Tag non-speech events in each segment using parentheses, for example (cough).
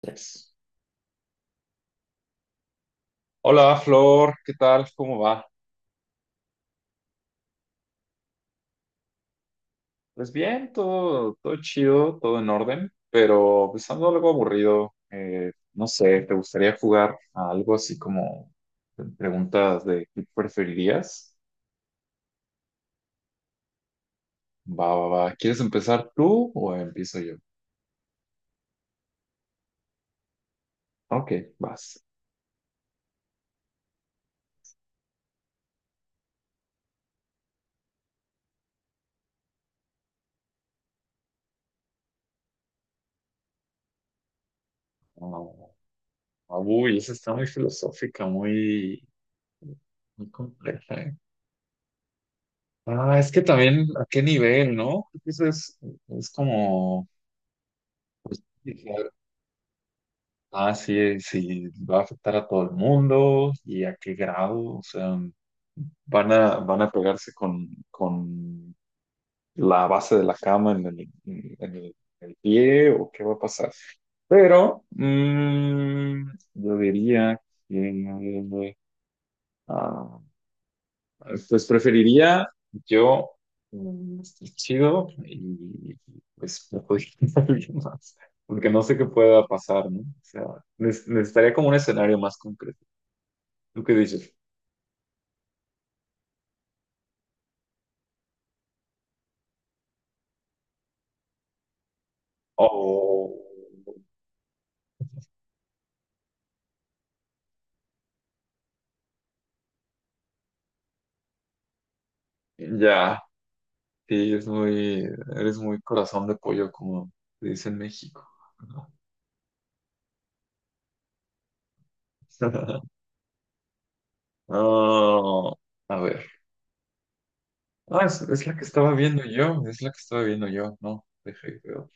Tres. Hola Flor, ¿qué tal? ¿Cómo va? Pues bien, todo chido, todo en orden, pero pues ando algo aburrido. No sé, ¿te gustaría jugar a algo así como preguntas de qué preferirías? Va, va, va. ¿Quieres empezar tú o empiezo yo? Ok, vas. Oh, uy, esa está muy filosófica, muy, muy compleja, ¿eh? Ah, es que también a qué nivel, ¿no? Creo que eso es como pues, ah, sí, sí, va a afectar a todo el mundo y a qué grado, o sea, van a pegarse con la base de la cama en el pie o qué va a pasar. Pero yo diría que, ah, pues preferiría yo estar chido y pues no podría (laughs) alguien más, porque no sé qué pueda pasar, ¿no? O sea, necesitaría como un escenario más concreto. ¿Tú qué dices? Oh, ya, sí, eres muy corazón de pollo, como se dice en México. (laughs) Oh, a ver. Ah, es la que estaba viendo yo, es la que estaba viendo yo, no, dejé, creo.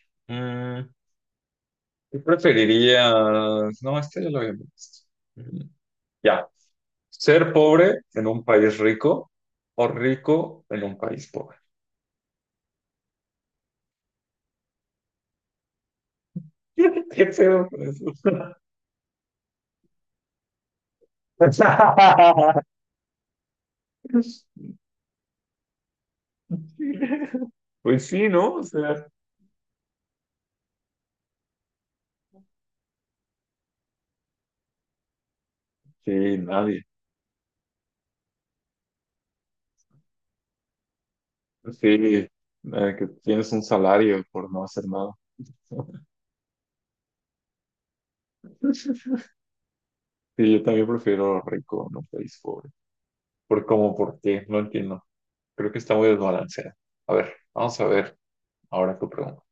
¿Qué preferirías? No, este ya lo había visto. Mm, ya. ¿Ser pobre en un país rico o rico en un país pobre? (laughs) ¿Qué pedo con eso? (laughs) Pues sí, ¿no? O sea, sí, nadie. Sí, que tienes un salario por no hacer nada. (laughs) Sí, yo también prefiero rico en un país pobre. ¿Por cómo? ¿Por qué? No entiendo. Creo que está muy desbalanceada. A ver, vamos a ver ahora tu pregunta.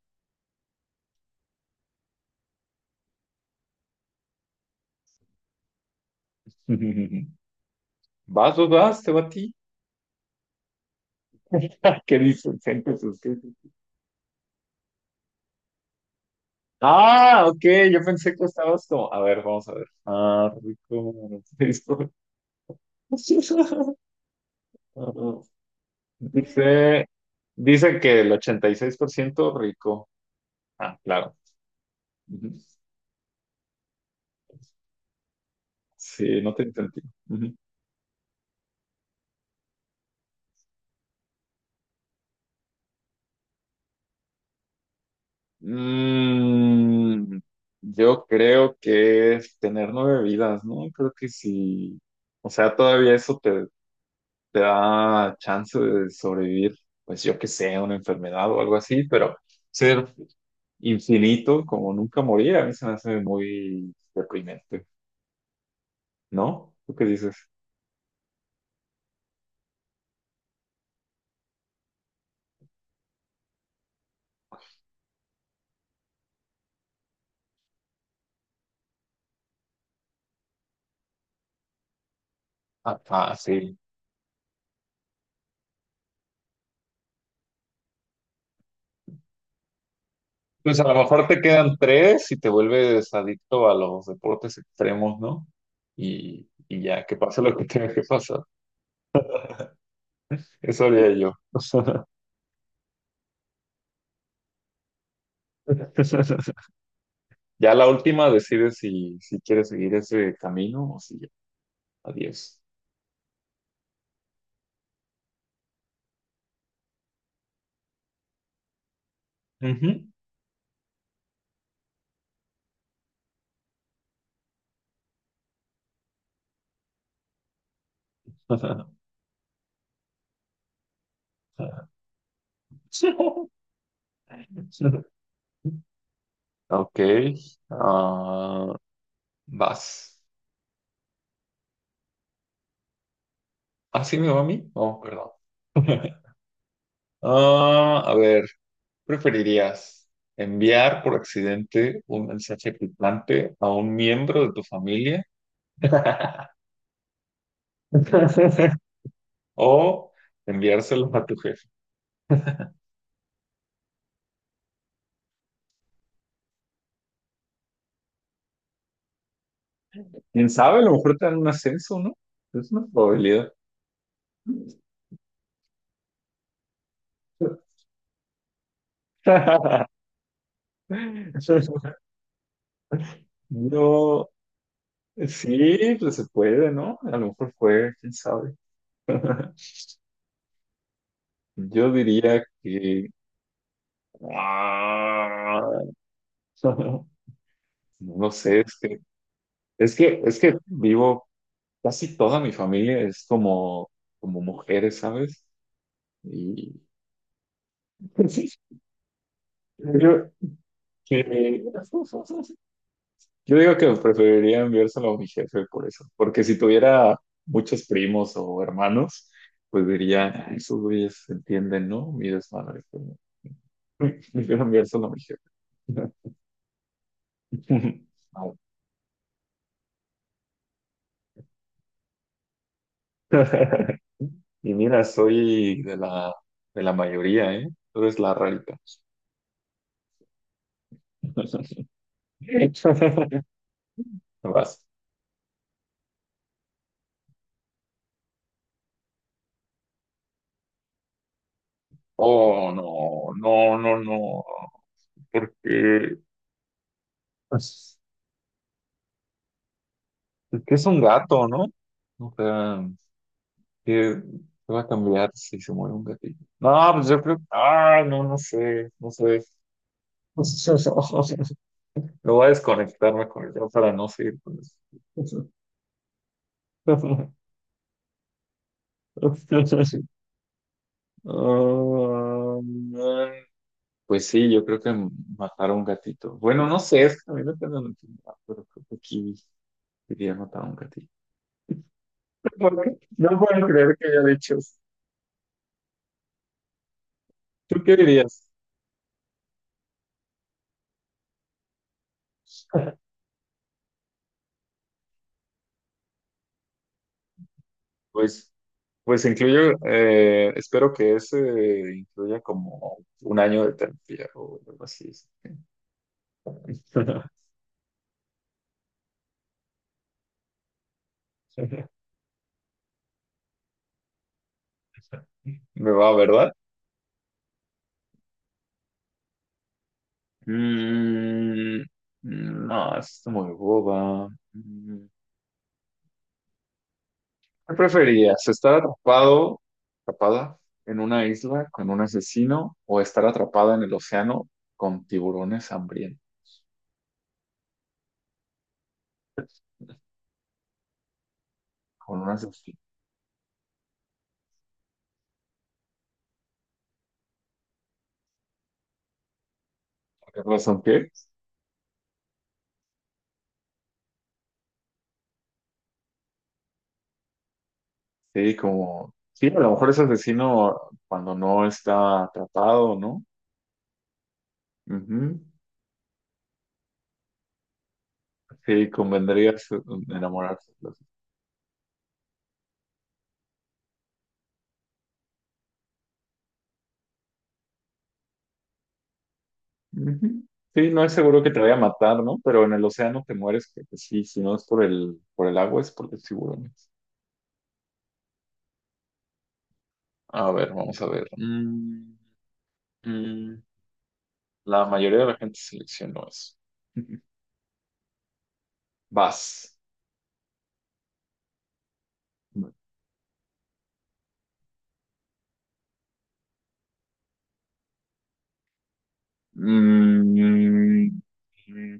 (laughs) Vas, vas, vas, te va a ti. (laughs) Qué displicente sus jefes. Ah, ok, yo pensé que estabas como. A ver, vamos a ver. Ah, rico. (laughs) rico. Ah, Dice, dice que el 86% rico. Ah, claro. Ujú. Sí, no te entendí. Ujú. Mm, yo creo que es tener nueve vidas, ¿no? Creo que sí. O sea, todavía eso te da chance de sobrevivir, pues yo que sé, a una enfermedad o algo así, pero ser infinito como nunca morir a mí se me hace muy deprimente, ¿no? ¿Tú qué dices? Sí. Pues a lo mejor te quedan tres y te vuelves adicto a los deportes extremos, ¿no? Y ya, que pase lo que tenga que pasar. Eso haría yo. (laughs) Ya la última decide si quieres seguir ese camino o si ya. Adiós. Ujú. (laughs) (laughs) Ok, ah, vas. ¿Así me va a mí? No, perdón. (laughs) Ah, a ver, ¿preferirías enviar por accidente un mensaje picante a un miembro de tu familia (laughs) o enviárselo a tu jefe? ¿Quién sabe? A lo mejor te dan un ascenso, ¿no? Es una probabilidad. (laughs) Yo Sí, pues se puede, ¿no? A lo mejor fue, quién sabe. (laughs) Yo diría que ... ah, (laughs) No lo sé, es que vivo, casi toda mi familia es como mujeres, ¿sabes? Y (laughs) yo, que- yo digo que preferiría enviárselo a mi jefe por eso, porque si tuviera muchos primos o hermanos, pues diría, "Ah, esos güeyes entienden, ¿no? Mi desmadre." Yo también eso no me dijeron. (laughs) (laughs) Y mira, soy de la mayoría, ¿eh? Tú eres la rarita. (laughs) Vas. Oh, no, no, no, no. Porque pues, es que es un gato, ¿no? O sea, ¿qué, qué va a cambiar si se muere un gatito? No, pues yo creo. Ah, no, no sé, no sé. (laughs) Me voy a desconectarme con el para no seguir con eso. (laughs) (laughs) Oh, man. Pues sí, yo creo que matar a un gatito. Bueno, no sé, es que a mí no tengo necesidad, pero creo que aquí diría matar a un gatito. (laughs) ¿Por qué? No puedo creer que haya dicho eso. ¿Tú qué dirías? Pues, pues incluyo, espero que ese incluya como un año de terapia o algo así. (laughs) Me va, ¿verdad? Mm, no, es muy boba. Mm. ¿Qué preferías? ¿Estar atrapado, atrapada en una isla con un asesino o estar atrapada en el océano con tiburones hambrientos? Con un asesino. ¿Por ¿qué razón qué? Sí, a lo mejor es asesino cuando no está atrapado, ¿no? Ujú. Sí, convendría enamorarse. Ujú. Sí, no es seguro que te vaya a matar, ¿no? Pero en el océano te mueres, que sí, si no es por el agua, es por los tiburones. A ver, vamos a ver. Mm, mm. La mayoría de la gente seleccionó eso. (laughs) Vas. Mm, mm, mm,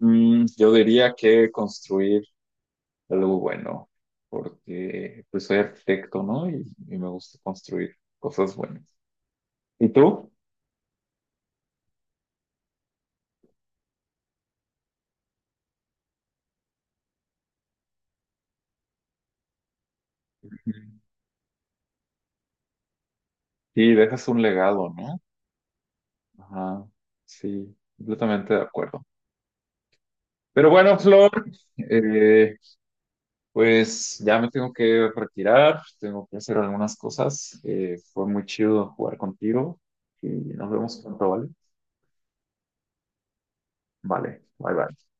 yo diría que construir algo bueno, porque pues soy arquitecto, ¿no? Y me gusta construir cosas buenas. ¿Y tú? Ujú. Sí, dejas un legado, ¿no? Ajá, sí, completamente de acuerdo. Pero bueno, Flor, eh, Pues ya me tengo que retirar, tengo que hacer algunas cosas. Fue muy chido jugar contigo y nos vemos pronto, ¿vale? Vale, bye bye.